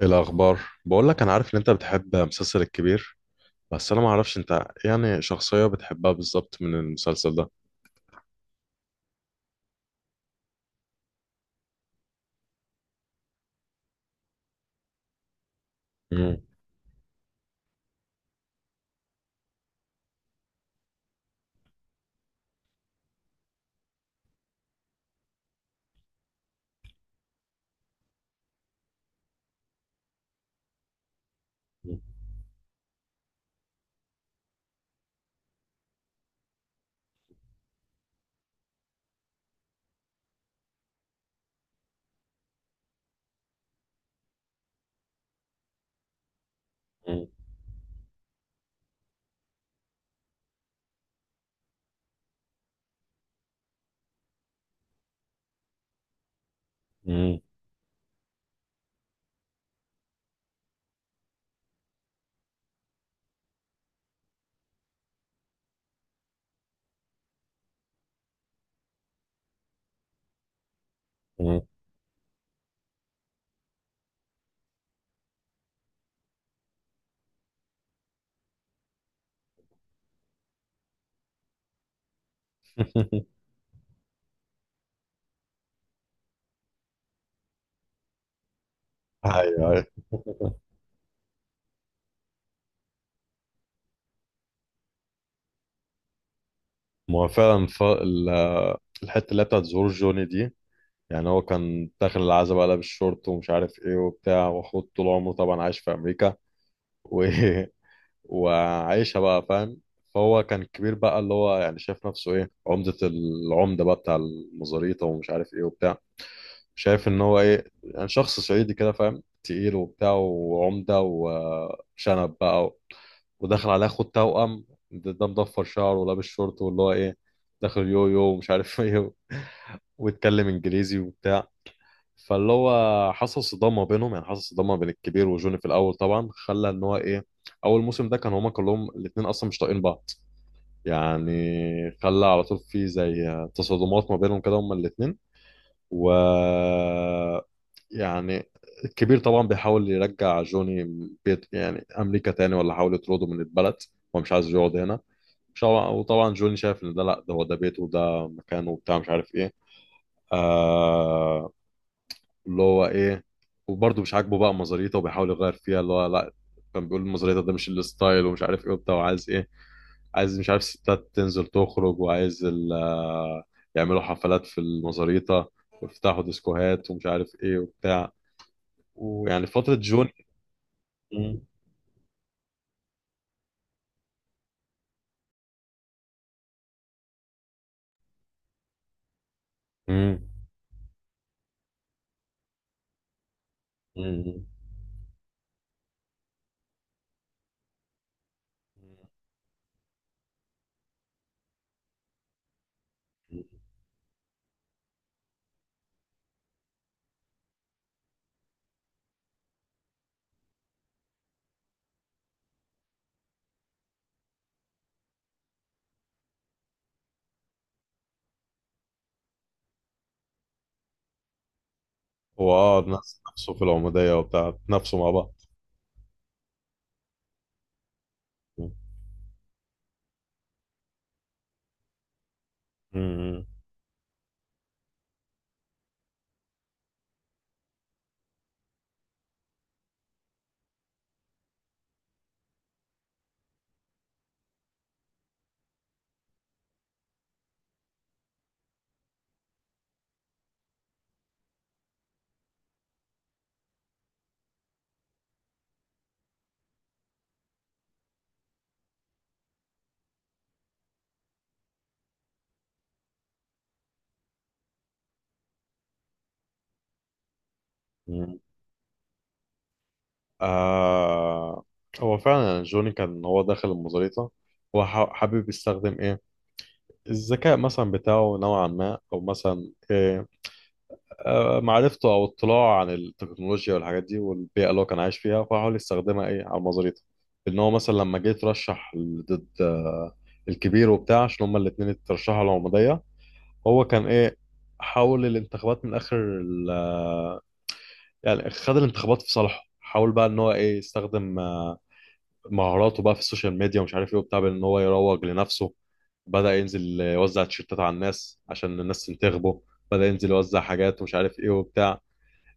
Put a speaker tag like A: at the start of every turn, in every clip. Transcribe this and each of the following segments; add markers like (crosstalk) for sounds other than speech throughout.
A: إيه الأخبار؟ بقول لك أنا عارف إن أنت بتحب مسلسل الكبير. بس أنا ما أعرفش أنت يعني شخصية بتحبها بالظبط من المسلسل ده؟ مم. مم. مم. مم. (laughs) أيوه، أيوه. ما هو فعلا الحتة اللي هي بتاعت ظهور جوني دي، يعني هو كان داخل العزبة، قلب الشورت ومش عارف إيه وبتاع، وأخوه طول عمره طبعا عايش في أمريكا و... (laughs) وعايشها بقى، فاهم. فهو كان كبير بقى، اللي هو يعني شايف نفسه إيه، عمدة العمدة بقى بتاع المزاريطة ومش عارف إيه وبتاع. شايف ان هو ايه، يعني شخص صعيدي كده، فاهم، تقيل وبتاع وعمده وشنب بقى وداخل على اخو التوأم ده مضفر شعره ولابس شورت واللي هو ايه، داخل يو يو ومش عارف (laughs) ايه، ويتكلم انجليزي وبتاع. فاللي هو حصل صدام ما بينهم، يعني حصل صدام ما بين الكبير وجوني في الاول، طبعا خلى ان هو ايه، اول موسم ده كان هما كلهم الاتنين اصلا مش طايقين بعض، يعني، خلى على طول في زي تصادمات ما بينهم كده هما الاتنين، و، يعني، الكبير طبعا بيحاول يرجع جوني بيت، يعني، امريكا تاني، ولا حاول يطرده من البلد. هو مش عايز يقعد هنا. مش هو- وطبعا جوني شايف ان ده، لا ده هو ده بيته وده مكانه وبتاع، مش عارف ايه. آه، اللي هو ايه، وبرضه مش عاجبه بقى مزاريته، وبيحاول يغير فيها اللي هو لا. كان بيقول مزاريته ده مش الستايل، ومش عارف ايه وبتاع، وعايز ايه، عايز مش عارف ستات تنزل تخرج، وعايز يعملوا حفلات في المزاريطة، ويفتحوا ديسكوهات ومش عارف ايه وبتاع. ويعني فترة جون. مم. امم. مم. هو الناس نفسه في العمودية وبتاع، نفسه مع بعض. مم. مم. آه، هو فعلا يعني جوني كان هو داخل المزاريطة، هو حابب يستخدم ايه، الذكاء مثلا بتاعه نوعا ما، او مثلا ايه، معرفته او اطلاعه عن التكنولوجيا والحاجات دي، والبيئه اللي هو كان عايش فيها، فحاول يستخدمها ايه على مزاريته. ان هو مثلا لما جه يترشح ضد الكبير وبتاع، عشان هما الاثنين اترشحوا العموديه. هو كان ايه، حاول الانتخابات من اخر يعني خد الانتخابات في صالحه، حاول بقى ان هو ايه يستخدم مهاراته بقى في السوشيال ميديا ومش عارف ايه وبتاع، بان هو يروج لنفسه. بدأ ينزل يوزع تيشيرتات على الناس عشان الناس تنتخبه. بدأ ينزل يوزع حاجات ومش عارف ايه وبتاع.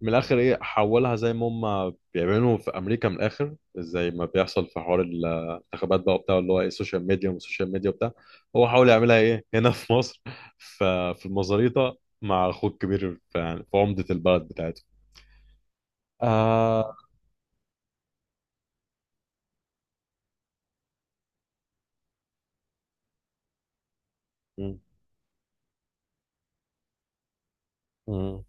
A: من الاخر ايه، حولها زي ما هم بيعملوا في امريكا، من الاخر زي ما بيحصل في حوار الانتخابات بقى وبتاع، اللي هو ايه السوشيال ميديا والسوشيال ميديا وبتاع. هو حاول يعملها ايه هنا في مصر ف- في المزاريطه مع اخوه الكبير، يعني في عمده البلد بتاعته. آه. مم، مم،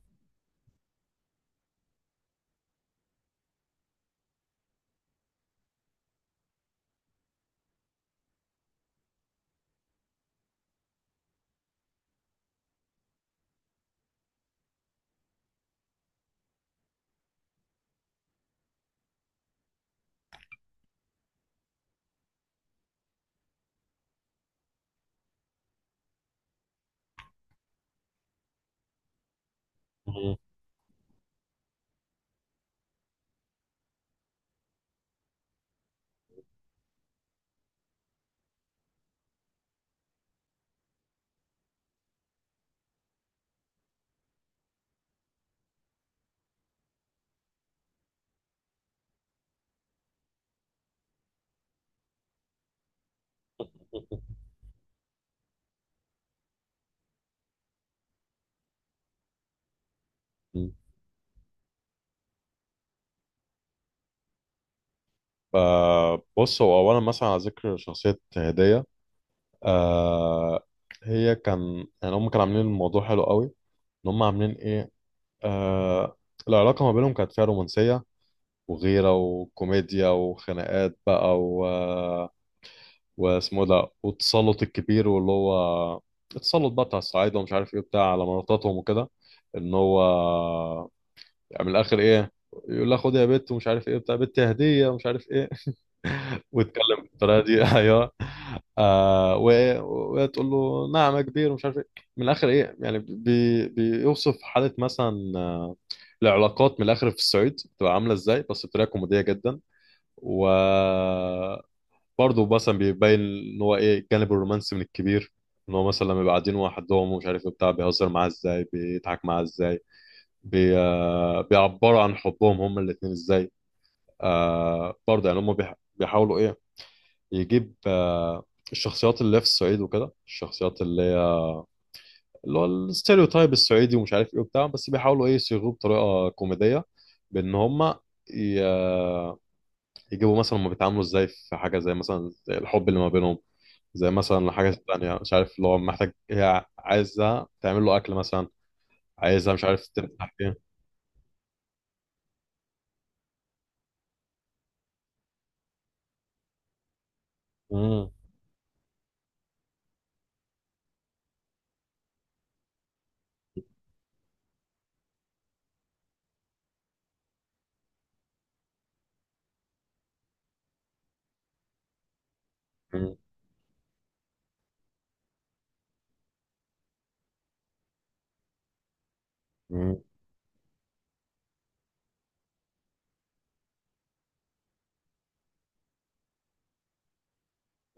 A: مم، مم. فبص، هو اولا مثلا على ذكر شخصيه هديه، آه، هي كان يعني هم كانوا عاملين الموضوع حلو قوي. ان هم عاملين ايه، آه، العلاقه ما بينهم كانت فيها رومانسيه، وغيرة وكوميديا وخناقات بقى واسمه ده، والتسلط الكبير، واللي هو التسلط بقى بتاع الصعايدة، ومش عارف ايه بتاع على مراتاتهم وكده، ان هو، يعني، من الاخر ايه، يقول لها خد يا بت، ومش عارف ايه بتاع، بت هدية ومش عارف ايه. (laughs) ويتكلم بالطريقة دي (laughs) ايوه. آه، وهي تقول له نعم يا كبير، ومش عارف ايه. من الاخر ايه، يعني بيوصف حالة مثلا، العلاقات من الاخر في الصعيد بتبقى عاملة ازاي، بس بطريقة كوميدية جدا. وبرضه مثلا بيبين ان هو ايه الجانب الرومانسي من الكبير. ان هو مثلا لما يبقى قاعدين وحدهم ومش عارف إيه بتاع، بيهزر معاه ازاي، بيضحك معاه ازاي، بي... آه، بيعبروا عن حبهم هما الاتنين ازاي. آه، برضه يعني هما بيحاولوا ايه، يجيب الشخصيات اللي هي في الصعيد وكده، الشخصيات اللي هي، اللي هو الستيreotype الصعيدي، ومش عارف ايه وبتاع، بس بيحاولوا ايه يصيغوه بطريقة كوميدية، بان هما ي... يجيبوا مثلا، هما بيتعاملوا ازاي في حاجه، زي مثلا، زي الحب اللي ما بينهم، زي مثلا حاجه تانية، مش عارف اللي هو محتاج، هي عايزها تعمل له اكل مثلا، عايزها مش عارف تفتح ايه. مم، مم، مم،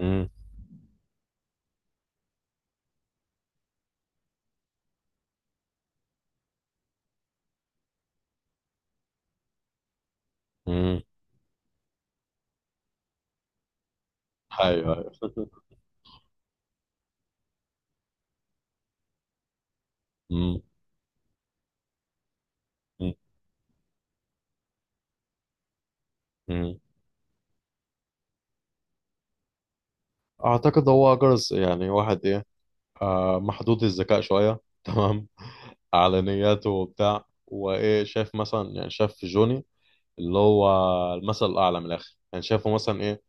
A: مم، مم. ايوه، ايوه (laughs) مم، مم، مم. اعتقد هو جرس، يعني واحد ايه، آه، محدود الذكاء شويه (laughs) تمام، على نياته وبتاع، وايه شايف، مثلا يعني، شايف في جوني، اللي هو المثل الاعلى من الاخر، يعني شايفه مثلا ايه،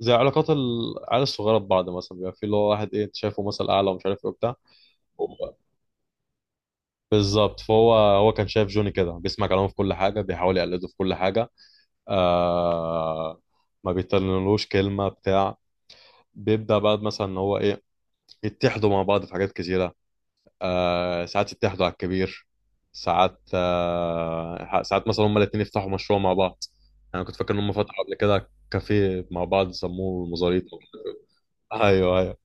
A: زي علاقات العيال الصغيره ببعض، مثلا بيبقى في اللي هو واحد ايه، أنت شايفه مثل اعلى ومش عارف ايه وبتاع. هو- بالظبط. فهو كان شايف جوني كده، بيسمع كلامه في كل حاجه، بيحاول يقلده في كل حاجه، آه، ما بيتكلملوش كلمه بتاع. بيبدا بقى مثلا ان هو ايه، يتحدوا مع بعض في حاجات كتيره، آه، ساعات يتحدوا على الكبير، ساعات مثلا هما الاتنين يفتحوا مشروع مع بعض. انا كنت فاكر ان هم فتحوا قبل كده كافيه مع بعض، سموه المزاريط. ايوه، ايوه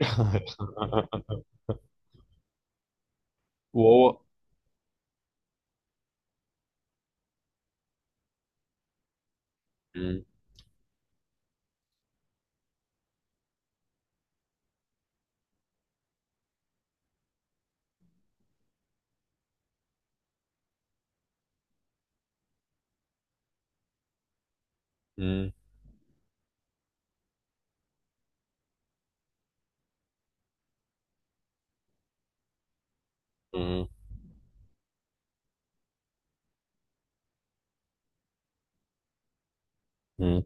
A: (laughs) وهو. مم. مم. مم. مم.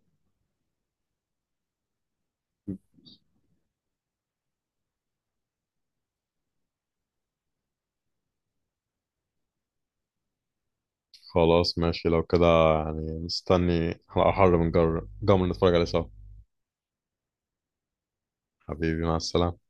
A: خلاص ماشي، لو كده، يعني مستني على أحر من جمر، نتفرج عليه سوا. حبيبي، مع السلامة.